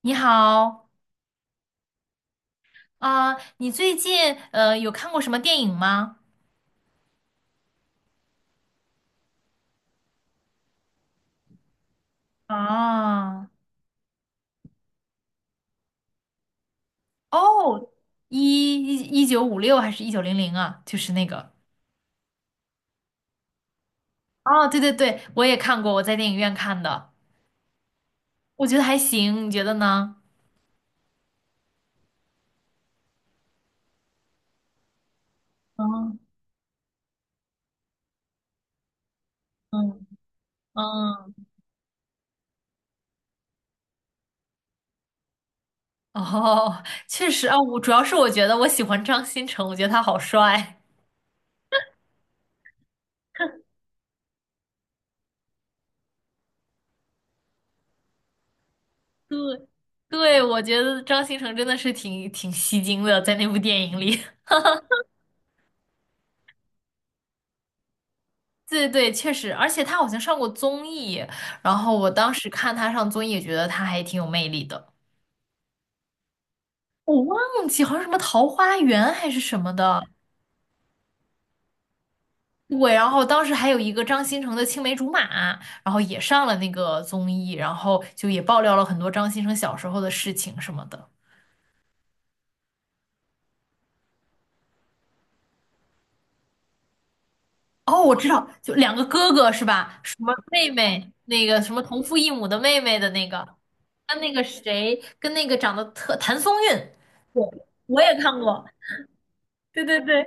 你好，啊、你最近有看过什么电影吗？啊，哦，一一一九五六还是一九零零啊？就是那个，哦，对对对，我也看过，我在电影院看的，我觉得还行，你觉得呢？嗯嗯嗯，哦，确实啊，我主要是我觉得我喜欢张新成，我觉得他好帅。对，对，我觉得张新成真的是挺吸睛的，在那部电影里。对对，确实，而且他好像上过综艺，然后我当时看他上综艺，也觉得他还挺有魅力的。我忘记好像什么《桃花源》还是什么的，对。然后当时还有一个张新成的青梅竹马，然后也上了那个综艺，然后就也爆料了很多张新成小时候的事情什么的。哦，我知道，就两个哥哥是吧？什么妹妹，那个什么同父异母的妹妹的那个，跟那个谁，跟那个长得特谭松韵，对，我也看过。对对对，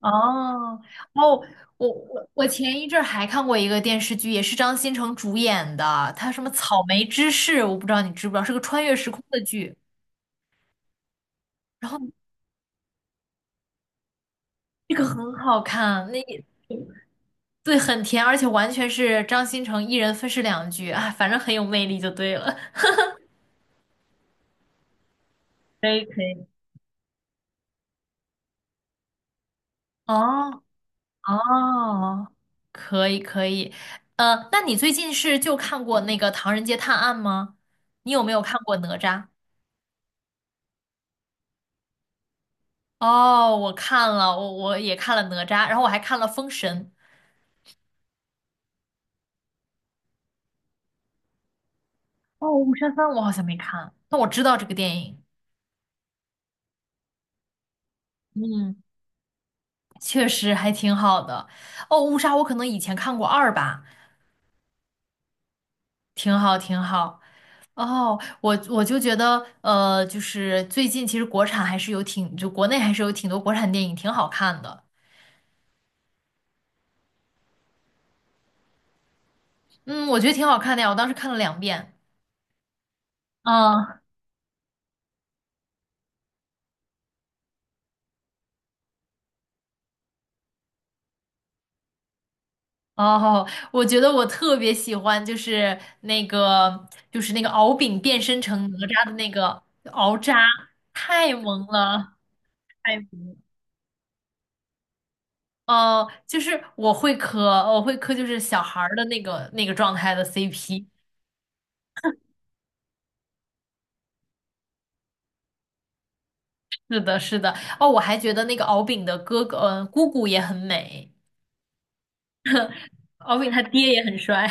哦哦，我前一阵儿还看过一个电视剧，也是张新成主演的，他什么《草莓芝士》，我不知道你知不知道，是个穿越时空的剧，然后这个很好看，那也对，很甜，而且完全是张新成一人分饰两角，啊，反正很有魅力就对了。可以可以。哦哦，可以可以，那你最近是就看过那个《唐人街探案》吗？你有没有看过哪吒？哦，我看了，我也看了哪吒，然后我还看了封神。哦，武神三我好像没看，但我知道这个电影，嗯，确实还挺好的。哦，误杀我可能以前看过二吧，挺好挺好。哦，我就觉得，就是最近其实国产还是有挺，就国内还是有挺多国产电影挺好看的，嗯，我觉得挺好看的呀，我当时看了两遍。嗯，哦，我觉得我特别喜欢，就是那个，就是那个敖丙变身成哪吒的那个敖吒，太萌了，太萌了。哦，就是我会磕，我会磕，就是小孩儿的那个状态的 CP。是的，是的。哦，我还觉得那个敖丙的哥哥，嗯、姑姑也很美，敖丙他爹也很帅。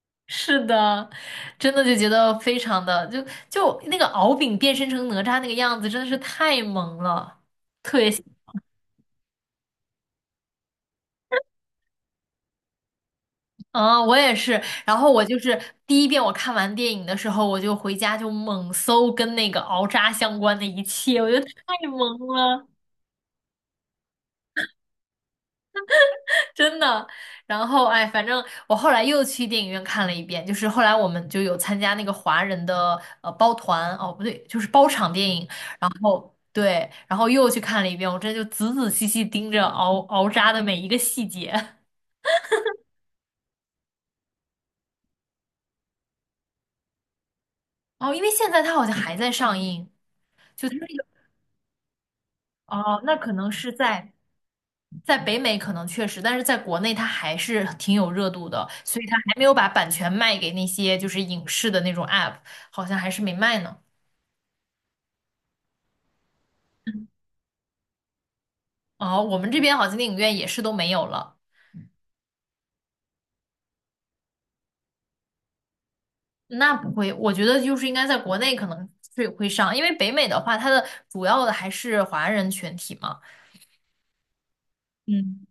是的，真的就觉得非常的，就那个敖丙变身成哪吒那个样子，真的是太萌了。特别。嗯，我也是。然后我就是第一遍我看完电影的时候，我就回家就猛搜跟那个敖渣相关的一切，我觉得太萌了，真的。然后哎，反正我后来又去电影院看了一遍，就是后来我们就有参加那个华人的包团，哦不对，就是包场电影。然后对，然后又去看了一遍，我真的就仔仔细细盯着敖渣的每一个细节。哦，因为现在它好像还在上映，就它那个哦，那可能是在。在北美可能确实，但是在国内它还是挺有热度的，所以它还没有把版权卖给那些就是影视的那种 app，好像还是没卖呢。哦，我们这边好像电影院也是都没有了。那不会，我觉得就是应该在国内可能会上，因为北美的话，它的主要的还是华人群体嘛。嗯，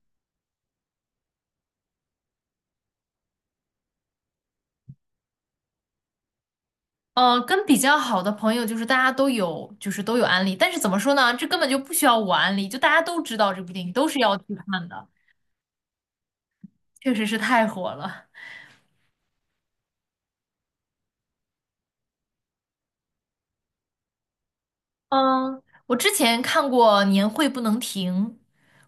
跟比较好的朋友就是大家都有，就是都有安利，但是怎么说呢？这根本就不需要我安利，就大家都知道这部电影，都是要去看的，确实是太火了。嗯，我之前看过《年会不能停》，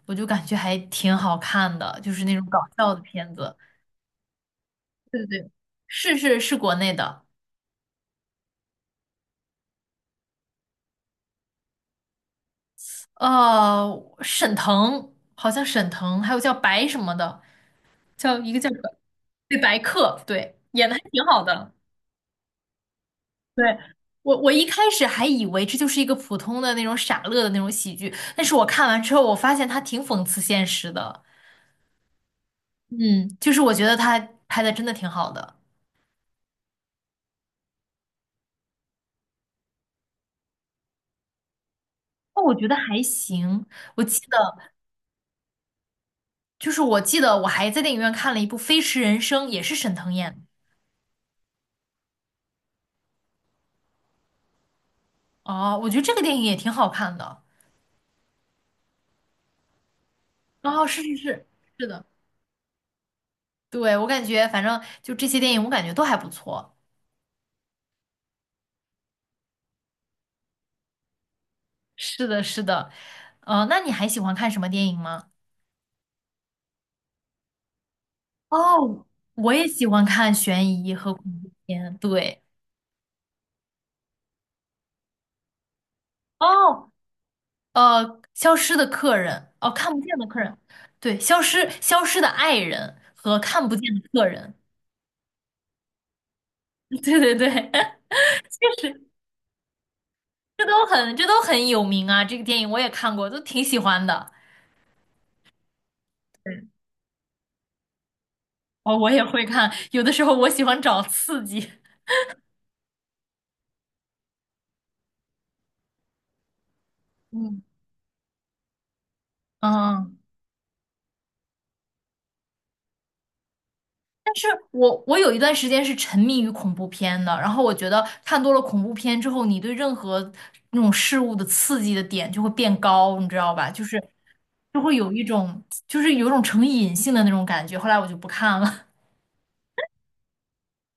我就感觉还挺好看的，就是那种搞笑的片子。对对对，是是是国内的，呃，沈腾好像沈腾，还有叫白什么的，叫一个叫对白客，对，演的还挺好的。对，我一开始还以为这就是一个普通的那种傻乐的那种喜剧，但是我看完之后，我发现他挺讽刺现实的。嗯，就是我觉得他拍的真的挺好的。哦，我觉得还行。我记得，就是我记得我还在电影院看了一部《飞驰人生》，也是沈腾演的。哦，我觉得这个电影也挺好看的。哦，是是是，是的，对，我感觉反正就这些电影，我感觉都还不错。是的，是的。那你还喜欢看什么电影吗？哦，我也喜欢看悬疑和恐怖片。对，哦，呃，《消失的客人》哦，《看不见的客人》，对，《消失的爱人》和《看不见的客人》。对对对，这都很有名啊，这个电影我也看过，都挺喜欢的。嗯哦，我也会看，有的时候我喜欢找刺激 嗯，嗯，我有一段时间是沉迷于恐怖片的，然后我觉得看多了恐怖片之后，你对任何那种事物的刺激的点就会变高，你知道吧？就是就会有一种就是有一种成瘾性的那种感觉，后来我就不看了。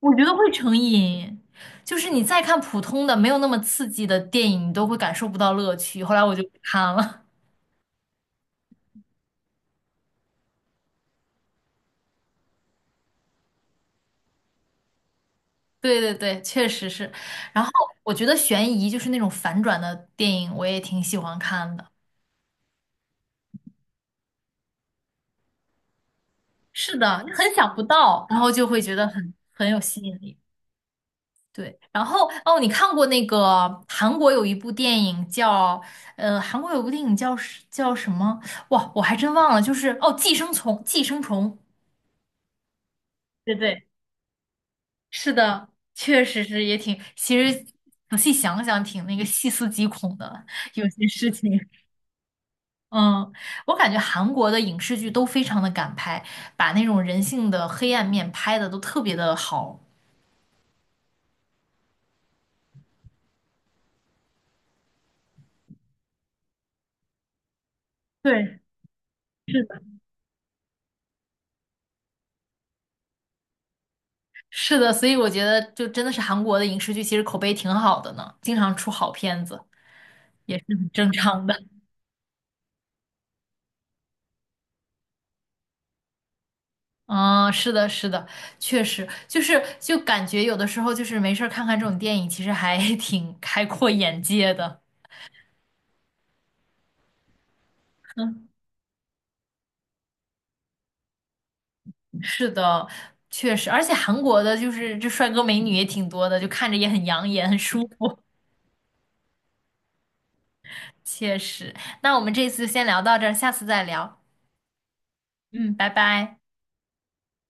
我觉得会成瘾，就是你再看普通的、没有那么刺激的电影，你都会感受不到乐趣。后来我就不看了。对对对，确实是。然后我觉得悬疑就是那种反转的电影，我也挺喜欢看的。是的，你很想不到，然后就会觉得很有吸引力。对，然后哦，你看过那个韩国有一部电影叫韩国有部电影叫是叫什么？哇，我还真忘了，就是哦，《寄生虫》《寄生虫》。对对，是的，确实是也挺，其实仔细想想挺那个细思极恐的，有些事情。嗯，我感觉韩国的影视剧都非常的敢拍，把那种人性的黑暗面拍的都特别的好。对，是的，是的，所以我觉得就真的是韩国的影视剧其实口碑挺好的呢，经常出好片子也是很正常的。嗯，是的，是的，确实就是就感觉有的时候就是没事儿看看这种电影，其实还 挺开阔眼界的。是的，确实，而且韩国的就是这帅哥美女也挺多的，就看着也很养眼，很舒服。确实，那我们这次就先聊到这儿，下次再聊。嗯，拜拜。